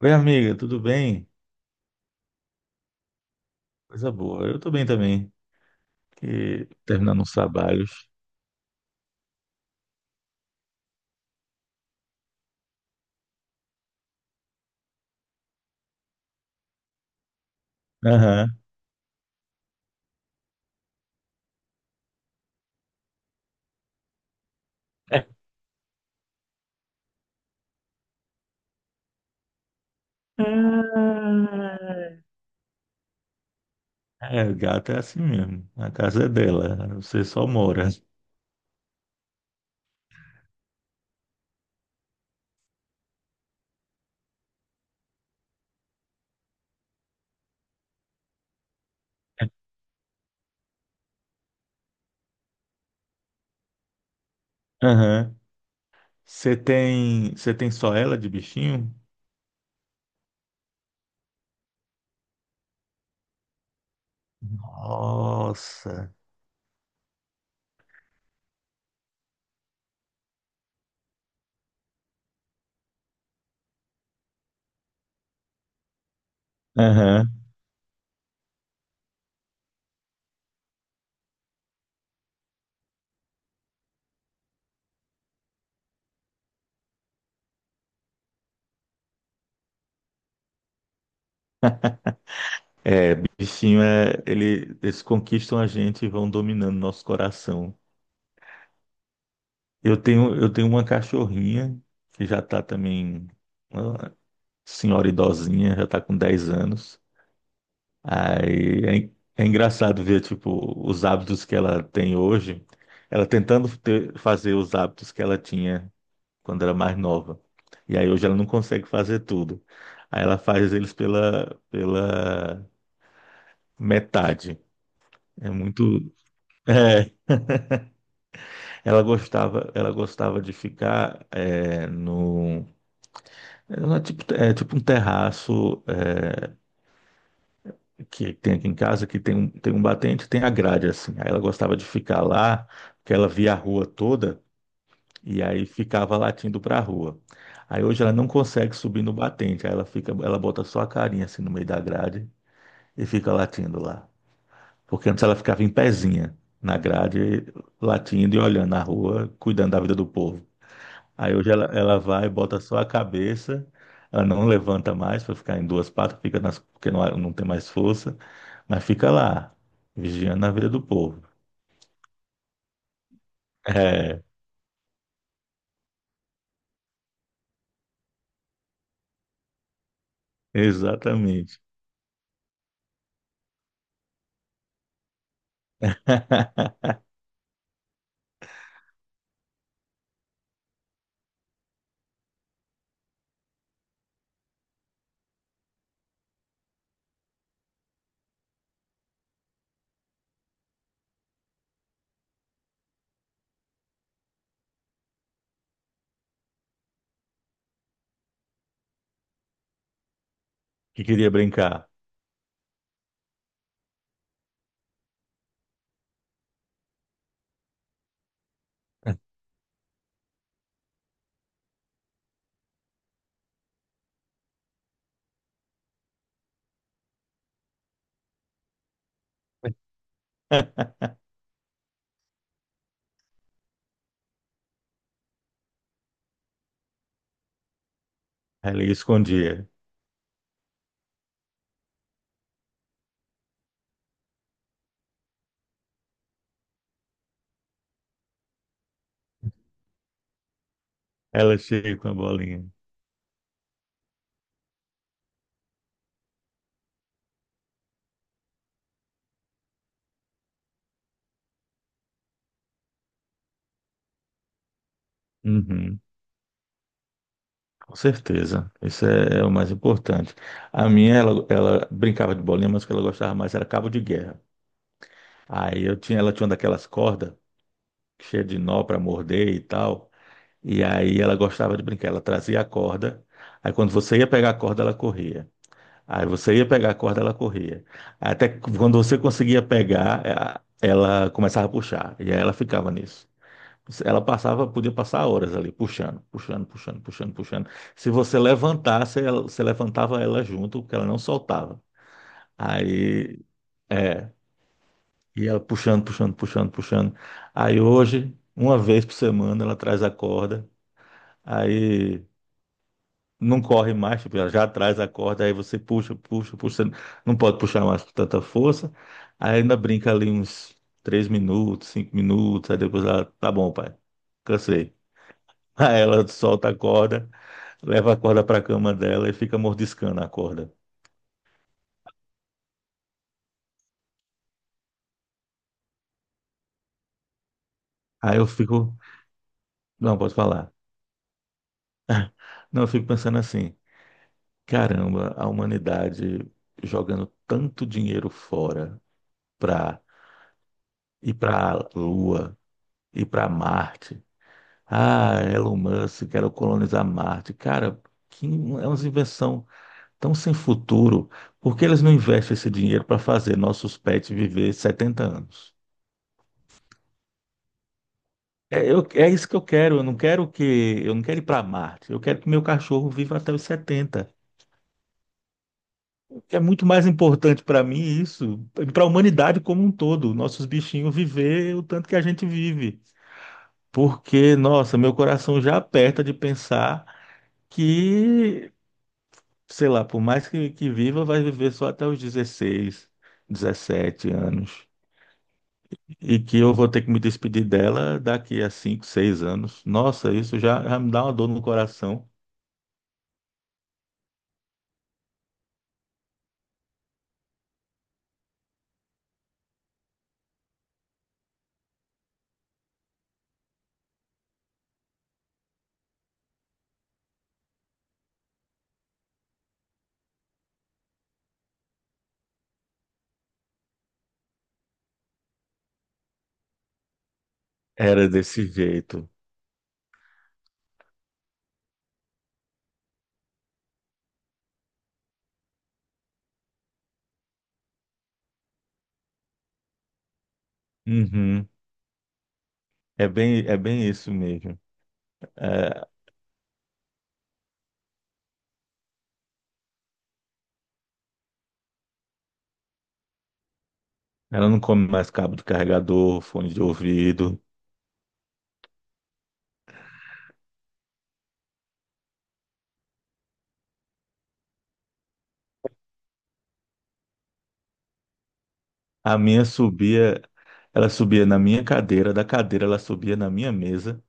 Oi, amiga, tudo bem? Coisa boa. Eu tô bem também. Que... terminando uns trabalhos. Aham. Ah, é, o gato é assim mesmo. A casa é dela. Você só mora. Aham. Você tem só ela de bichinho? Nossa. Aham. É, bichinho é... Eles conquistam a gente e vão dominando nosso coração. Eu tenho uma cachorrinha que já tá também... senhora idosinha, já tá com 10 anos. Aí é, é engraçado ver, tipo, os hábitos que ela tem hoje, ela tentando fazer os hábitos que ela tinha quando era mais nova. E aí hoje ela não consegue fazer tudo. Aí ela faz eles pela metade. É muito. É, ela gostava de ficar é, no. Era tipo, é tipo um terraço que tem aqui em casa, que tem um batente, tem a grade assim. Aí ela gostava de ficar lá, porque ela via a rua toda e aí ficava latindo para a rua. Aí hoje ela não consegue subir no batente, aí ela bota só a carinha assim no meio da grade e fica latindo lá. Porque antes ela ficava em pezinha na grade, latindo e olhando a rua, cuidando da vida do povo. Aí hoje ela vai, bota só a cabeça, ela não levanta mais para ficar em duas patas, fica nas, porque não tem mais força. Mas fica lá, vigiando a vida do povo. É, exatamente. Que queria brincar. Ela escondia. Ela chega com a bolinha. Uhum, com certeza. Isso é o mais importante. A minha, ela brincava de bolinha, mas o que ela gostava mais era cabo de guerra. Ela tinha uma daquelas cordas cheias de nó para morder e tal. E aí ela gostava de brincar. Ela trazia a corda. Aí quando você ia pegar a corda, ela corria. Aí você ia pegar a corda, ela corria. Até que quando você conseguia pegar, ela começava a puxar. E aí ela ficava nisso. Ela passava, podia passar horas ali, puxando, puxando, puxando, puxando, puxando. Se você levantasse, você levantava ela junto, porque ela não soltava. Aí, é, ia puxando, puxando, puxando, puxando. Aí hoje, uma vez por semana, ela traz a corda. Aí não corre mais, tipo, ela já atrás a corda, aí você puxa, puxa, puxa, não pode puxar mais com tanta força. Aí ainda brinca ali uns 3 minutos, 5 minutos, aí depois ela, tá bom, pai, cansei. Aí ela solta a corda, leva a corda pra cama dela e fica mordiscando a corda. Aí eu fico, não, posso falar. Não, eu fico pensando assim, caramba, a humanidade jogando tanto dinheiro fora pra ir pra Lua, ir pra Marte. Ah, Elon Musk, quero colonizar Marte. Cara, que é uma invenção tão sem futuro. Por que eles não investem esse dinheiro para fazer nossos pets viver 70 anos? É, é isso que eu quero. Eu não quero ir para Marte. Eu quero que meu cachorro viva até os 70. É muito mais importante para mim isso, para a humanidade como um todo, nossos bichinhos viver o tanto que a gente vive. Porque, nossa, meu coração já aperta de pensar que sei lá, por mais que viva, vai viver só até os 16, 17 anos. E que eu vou ter que me despedir dela daqui a 5, 6 anos. Nossa, isso já me dá uma dor no coração. Era desse jeito. Uhum. É bem isso mesmo. É, ela não come mais cabo de carregador, fone de ouvido. A minha subia, ela subia na minha cadeira, da cadeira ela subia na minha mesa,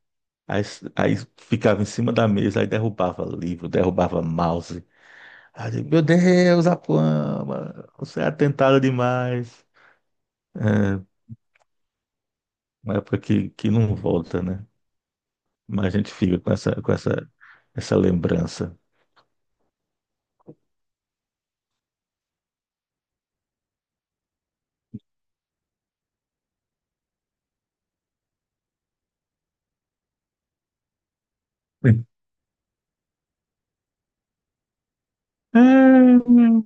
aí, aí ficava em cima da mesa, aí derrubava livro, derrubava mouse. Aí eu digo, meu Deus, Apuama, você é atentado demais. É uma época que não volta, né? Mas a gente fica com essa lembrança. Uhum.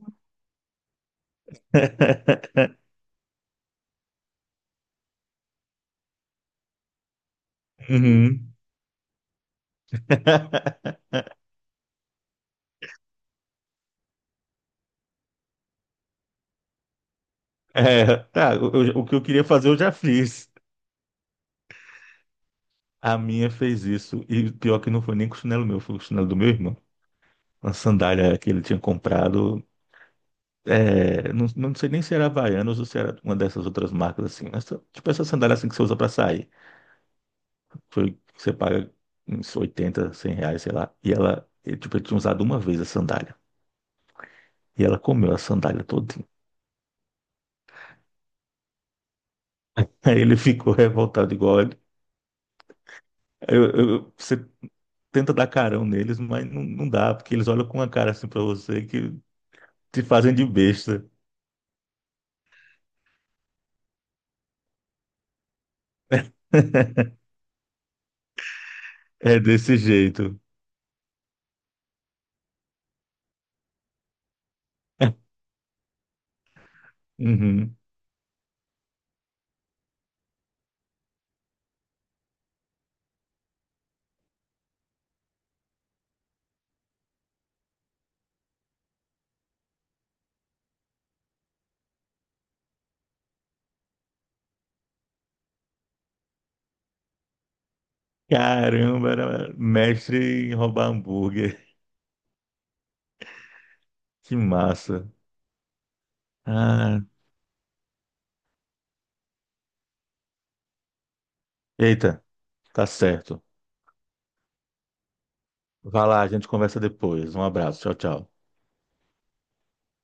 Uhum. É, tá, o que eu queria fazer eu já fiz. A minha fez isso. E pior que não foi nem com o chinelo meu, foi com o chinelo do meu irmão. Uma sandália que ele tinha comprado. Não, não sei nem se era Havaianas ou se era uma dessas outras marcas assim. Mas, tipo essa sandália assim que você usa pra sair. Foi, você paga uns 80, 100 reais, sei lá. E ele, tipo, ele tinha usado uma vez a sandália. E ela comeu a sandália todinha. Aí ele ficou revoltado igual ele. Você tenta dar carão neles, mas não dá, porque eles olham com uma cara assim pra você que te fazem de besta. É desse jeito. Uhum. Caramba, era mestre em roubar hambúrguer. Que massa. Ah, eita, tá certo. Vai lá, a gente conversa depois. Um abraço, tchau, tchau.